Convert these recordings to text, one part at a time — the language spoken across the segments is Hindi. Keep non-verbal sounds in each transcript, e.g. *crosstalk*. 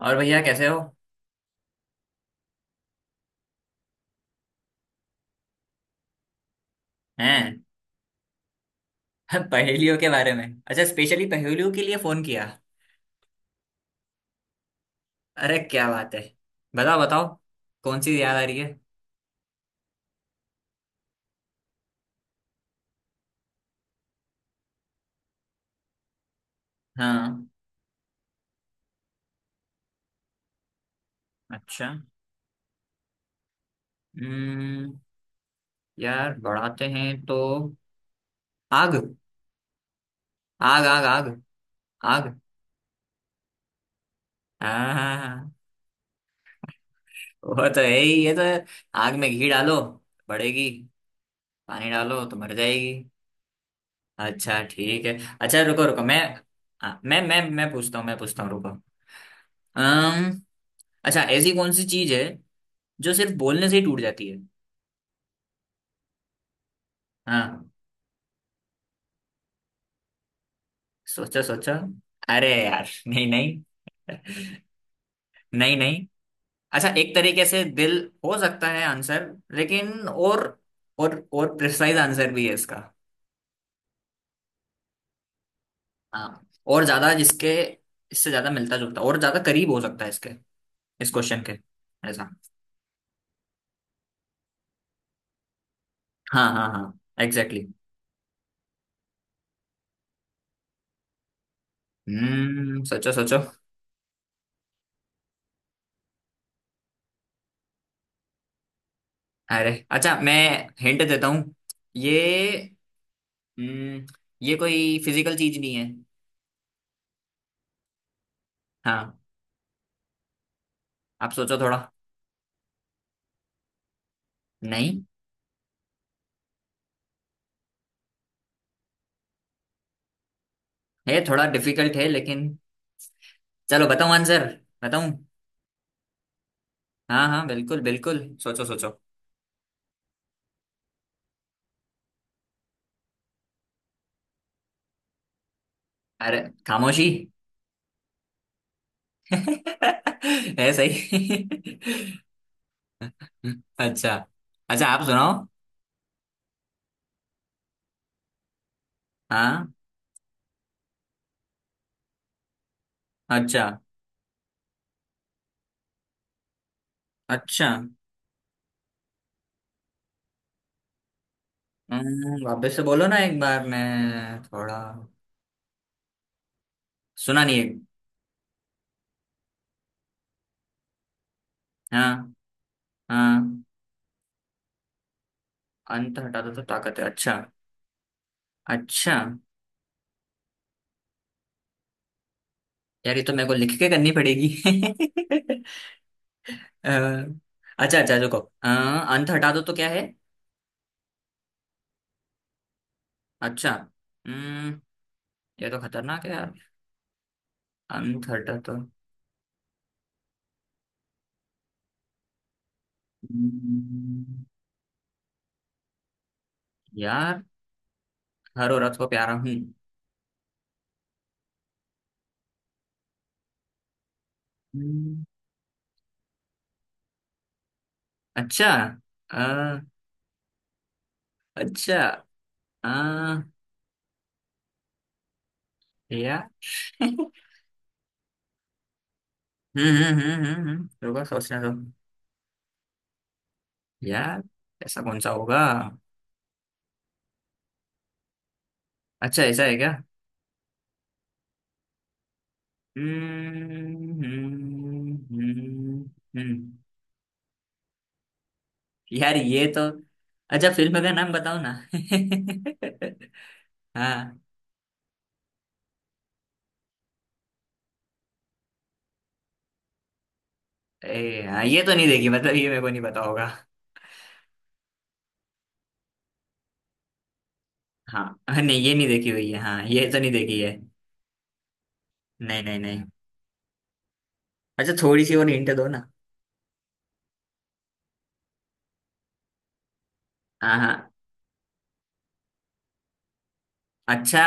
और भैया कैसे हो? हैं? *laughs* पहेलियों के बारे में? अच्छा, स्पेशली पहेलियों के लिए फोन किया? अरे क्या बात है! बताओ बताओ। कौन सी याद आ रही है? हाँ। अच्छा। हम्म। यार बढ़ाते हैं तो आग। आग आग आग आग। हाँ हाँ, हाँ। वो तो है ही, ये तो। आग में घी डालो, बढ़ेगी। पानी डालो तो मर जाएगी। अच्छा ठीक है। अच्छा, रुको रुको, मैं। हाँ, मैं पूछता हूँ, रुको। अम्म अच्छा, ऐसी कौन सी चीज है जो सिर्फ बोलने से ही टूट जाती है? हाँ। सोचा सोचा। अरे यार, नहीं नहीं। *laughs* नहीं नहीं। अच्छा, एक तरीके से दिल हो सकता है आंसर, लेकिन और प्रिसाइज आंसर भी है इसका। हाँ, और ज्यादा जिसके, इससे ज्यादा मिलता जुलता, और ज्यादा करीब हो सकता है इसके, इस क्वेश्चन के। ऐसा। हाँ हाँ हाँ, एग्जैक्टली। हम्म, सोचो सोचो। अरे, अच्छा, मैं हिंट देता हूँ। ये हम्म ये कोई फिजिकल चीज नहीं है। हाँ, आप सोचो थोड़ा। नहीं है। थोड़ा डिफिकल्ट है, लेकिन चलो बताऊँ आंसर? बताऊँ? हाँ हाँ, बिल्कुल बिल्कुल, सोचो सोचो। अरे, खामोशी। *laughs* है सही। अच्छा अच्छा, आप सुनाओ। हाँ। अच्छा। अच्छा, वापस से बोलो ना एक बार, मैं थोड़ा सुना नहीं है। हाँ हाँ, अंत हटा दो तो ताकत है, अच्छा। अच्छा, यार ये तो मेरे को लिख के करनी पड़ेगी। *laughs* अ, अच्छा अच्छा, रुको। अंत हटा दो तो क्या है? अच्छा। हम्म ये तो खतरनाक है यार। अंत हटा दो। हम्म, यार, हर औरत को प्यारा हूँ। हम्म, अच्छा। अ, अच्छा। अ, यार। *laughs* हम्म रुको, सोचने दो। यार, ऐसा कौन सा होगा? अच्छा, ऐसा है क्या? हम्म हम्म, हम्म, हम्म। यार ये तो, अच्छा फिल्म का नाम बताओ ना। *laughs* हाँ। हाँ, ये तो नहीं देखी, मतलब ये मेरे को नहीं पता होगा। हाँ नहीं, ये नहीं देखी हुई है, हाँ ये तो नहीं देखी है। नहीं नहीं नहीं। अच्छा, थोड़ी सी और हिंट दो ना। हाँ हाँ। अच्छा।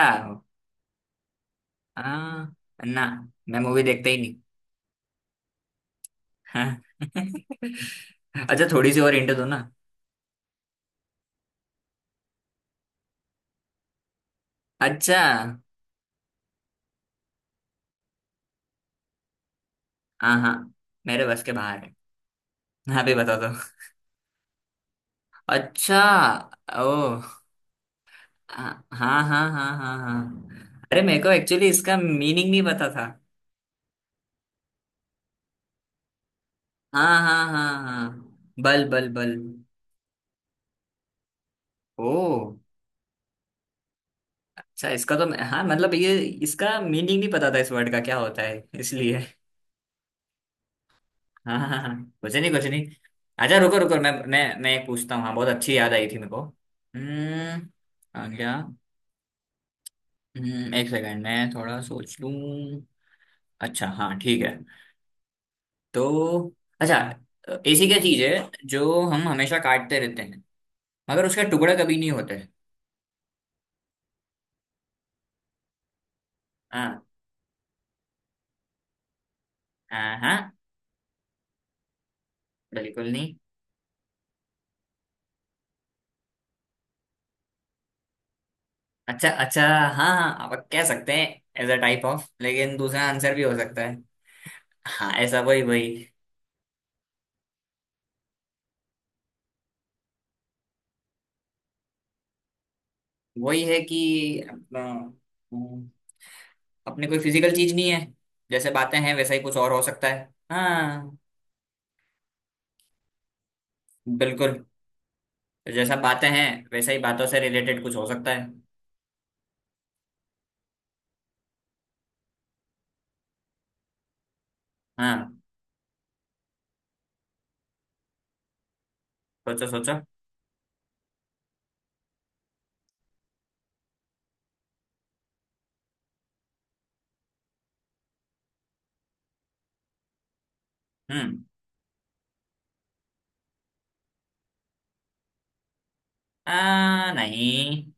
हाँ, ना, मैं मूवी देखता ही नहीं। हाँ। *laughs* अच्छा, थोड़ी सी और हिंट दो ना। अच्छा। हाँ हाँ, मेरे बस के बाहर है। हाँ भी बता दो। अच्छा। ओ। हाँ हाँ हाँ हाँ हाँ हाँ। अरे मेरे को एक्चुअली इसका मीनिंग नहीं पता था। हाँ हाँ हाँ हाँ। बल बल बल। ओ। अच्छा, इसका तो हाँ, मतलब ये, इसका मीनिंग नहीं पता था, इस वर्ड का क्या होता है, इसलिए। हाँ हाँ हाँ। कुछ नहीं कुछ नहीं। अच्छा, रुको रुको, मैं एक पूछता हूँ। हाँ, बहुत अच्छी याद आई थी मेरे को। हम्म आ गया। एक सेकंड, मैं थोड़ा सोच लूँ। अच्छा, हाँ ठीक है, तो। अच्छा, ऐसी क्या चीज है जो हम हमेशा काटते रहते हैं, मगर उसका टुकड़ा कभी नहीं होता है? हाँ हाँ हाँ। बिल्कुल नहीं। अच्छा अच्छा, हाँ हाँ, आप कह सकते हैं एज अ टाइप ऑफ, लेकिन दूसरा आंसर भी हो सकता है। हाँ, ऐसा, वही वही। वही है कि अपना, अपने कोई फिजिकल चीज नहीं है, जैसे बातें हैं वैसा ही कुछ और हो सकता है। हाँ, बिल्कुल। जैसा बातें हैं, वैसा ही बातों से रिलेटेड कुछ हो सकता है। हाँ, सोचो सोचो। हम्म। नहीं।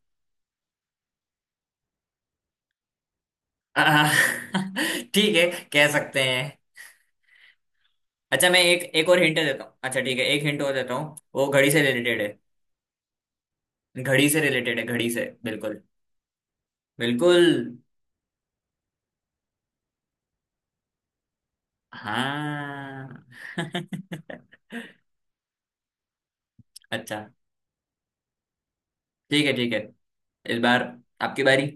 आ, *laughs* ठीक है, कह सकते हैं। अच्छा, मैं एक एक और हिंट देता हूँ, अच्छा ठीक है, एक हिंट और देता हूँ, वो घड़ी से रिलेटेड है। घड़ी से रिलेटेड है, घड़ी से, बिल्कुल बिल्कुल। हाँ। *laughs* अच्छा। ठीक है ठीक है, इस बार आपकी बारी।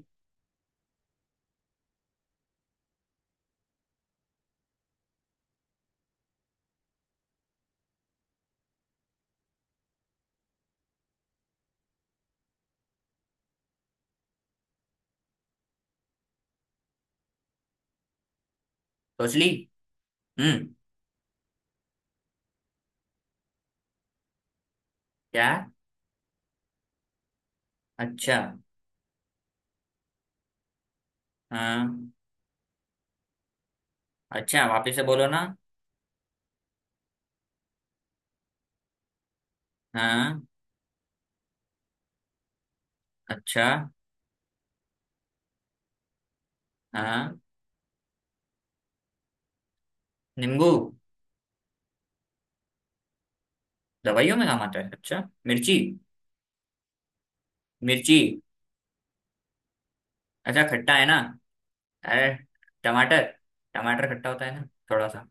सोच ली। हम्म। क्या? अच्छा, हाँ। अच्छा, वापिस से बोलो ना। हाँ। अच्छा। हाँ, नींबू? दवाइयों में काम आता है? अच्छा, मिर्ची। मिर्ची। अच्छा, खट्टा है ना? अरे, टमाटर। टमाटर खट्टा होता है ना, थोड़ा सा।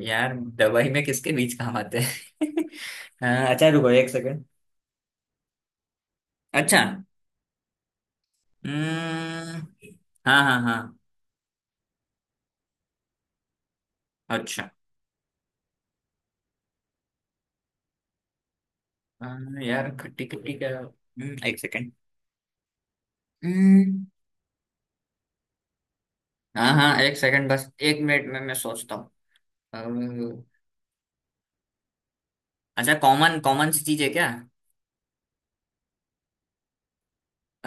यार, दवाई में किसके बीज काम आते हैं? *laughs* हाँ, अच्छा रुको एक सेकंड। अच्छा। हम्म, हाँ हाँ हाँ। अच्छा। हाँ, यार, खट्टी खट्टी क्या, एक सेकंड। हम्म, हाँ हाँ, एक सेकंड, बस एक मिनट में मैं सोचता हूँ। अम्म, अच्छा, कॉमन कॉमन सी चीज है क्या?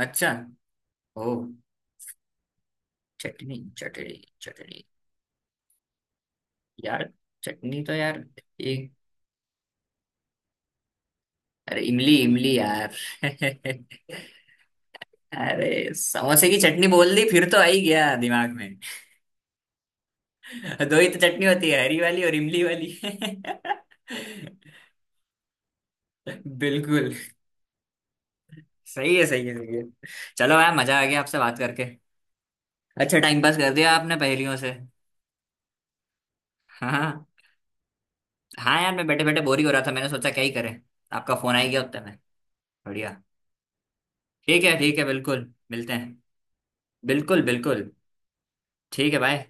अच्छा। ओ। चटनी? चटनी? चटनी? यार, चटनी तो यार। अरे, इमली! इमली यार! *laughs* अरे, समोसे की चटनी बोल दी फिर तो आ ही गया दिमाग में। *laughs* दो ही तो चटनी होती है, हरी वाली और इमली वाली। *laughs* बिल्कुल। सही है, सही है, सही है। चलो यार, मजा आ गया आपसे बात करके। अच्छा, टाइम पास कर दिया आपने पहेलियों से। हाँ हाँ। हाँ यार, मैं बैठे बैठे बोर ही हो रहा था, मैंने सोचा क्या ही करें। आपका फोन आ ही गया उतने में। बढ़िया। ठीक है ठीक है, बिल्कुल मिलते हैं। बिल्कुल बिल्कुल। ठीक है, बाय।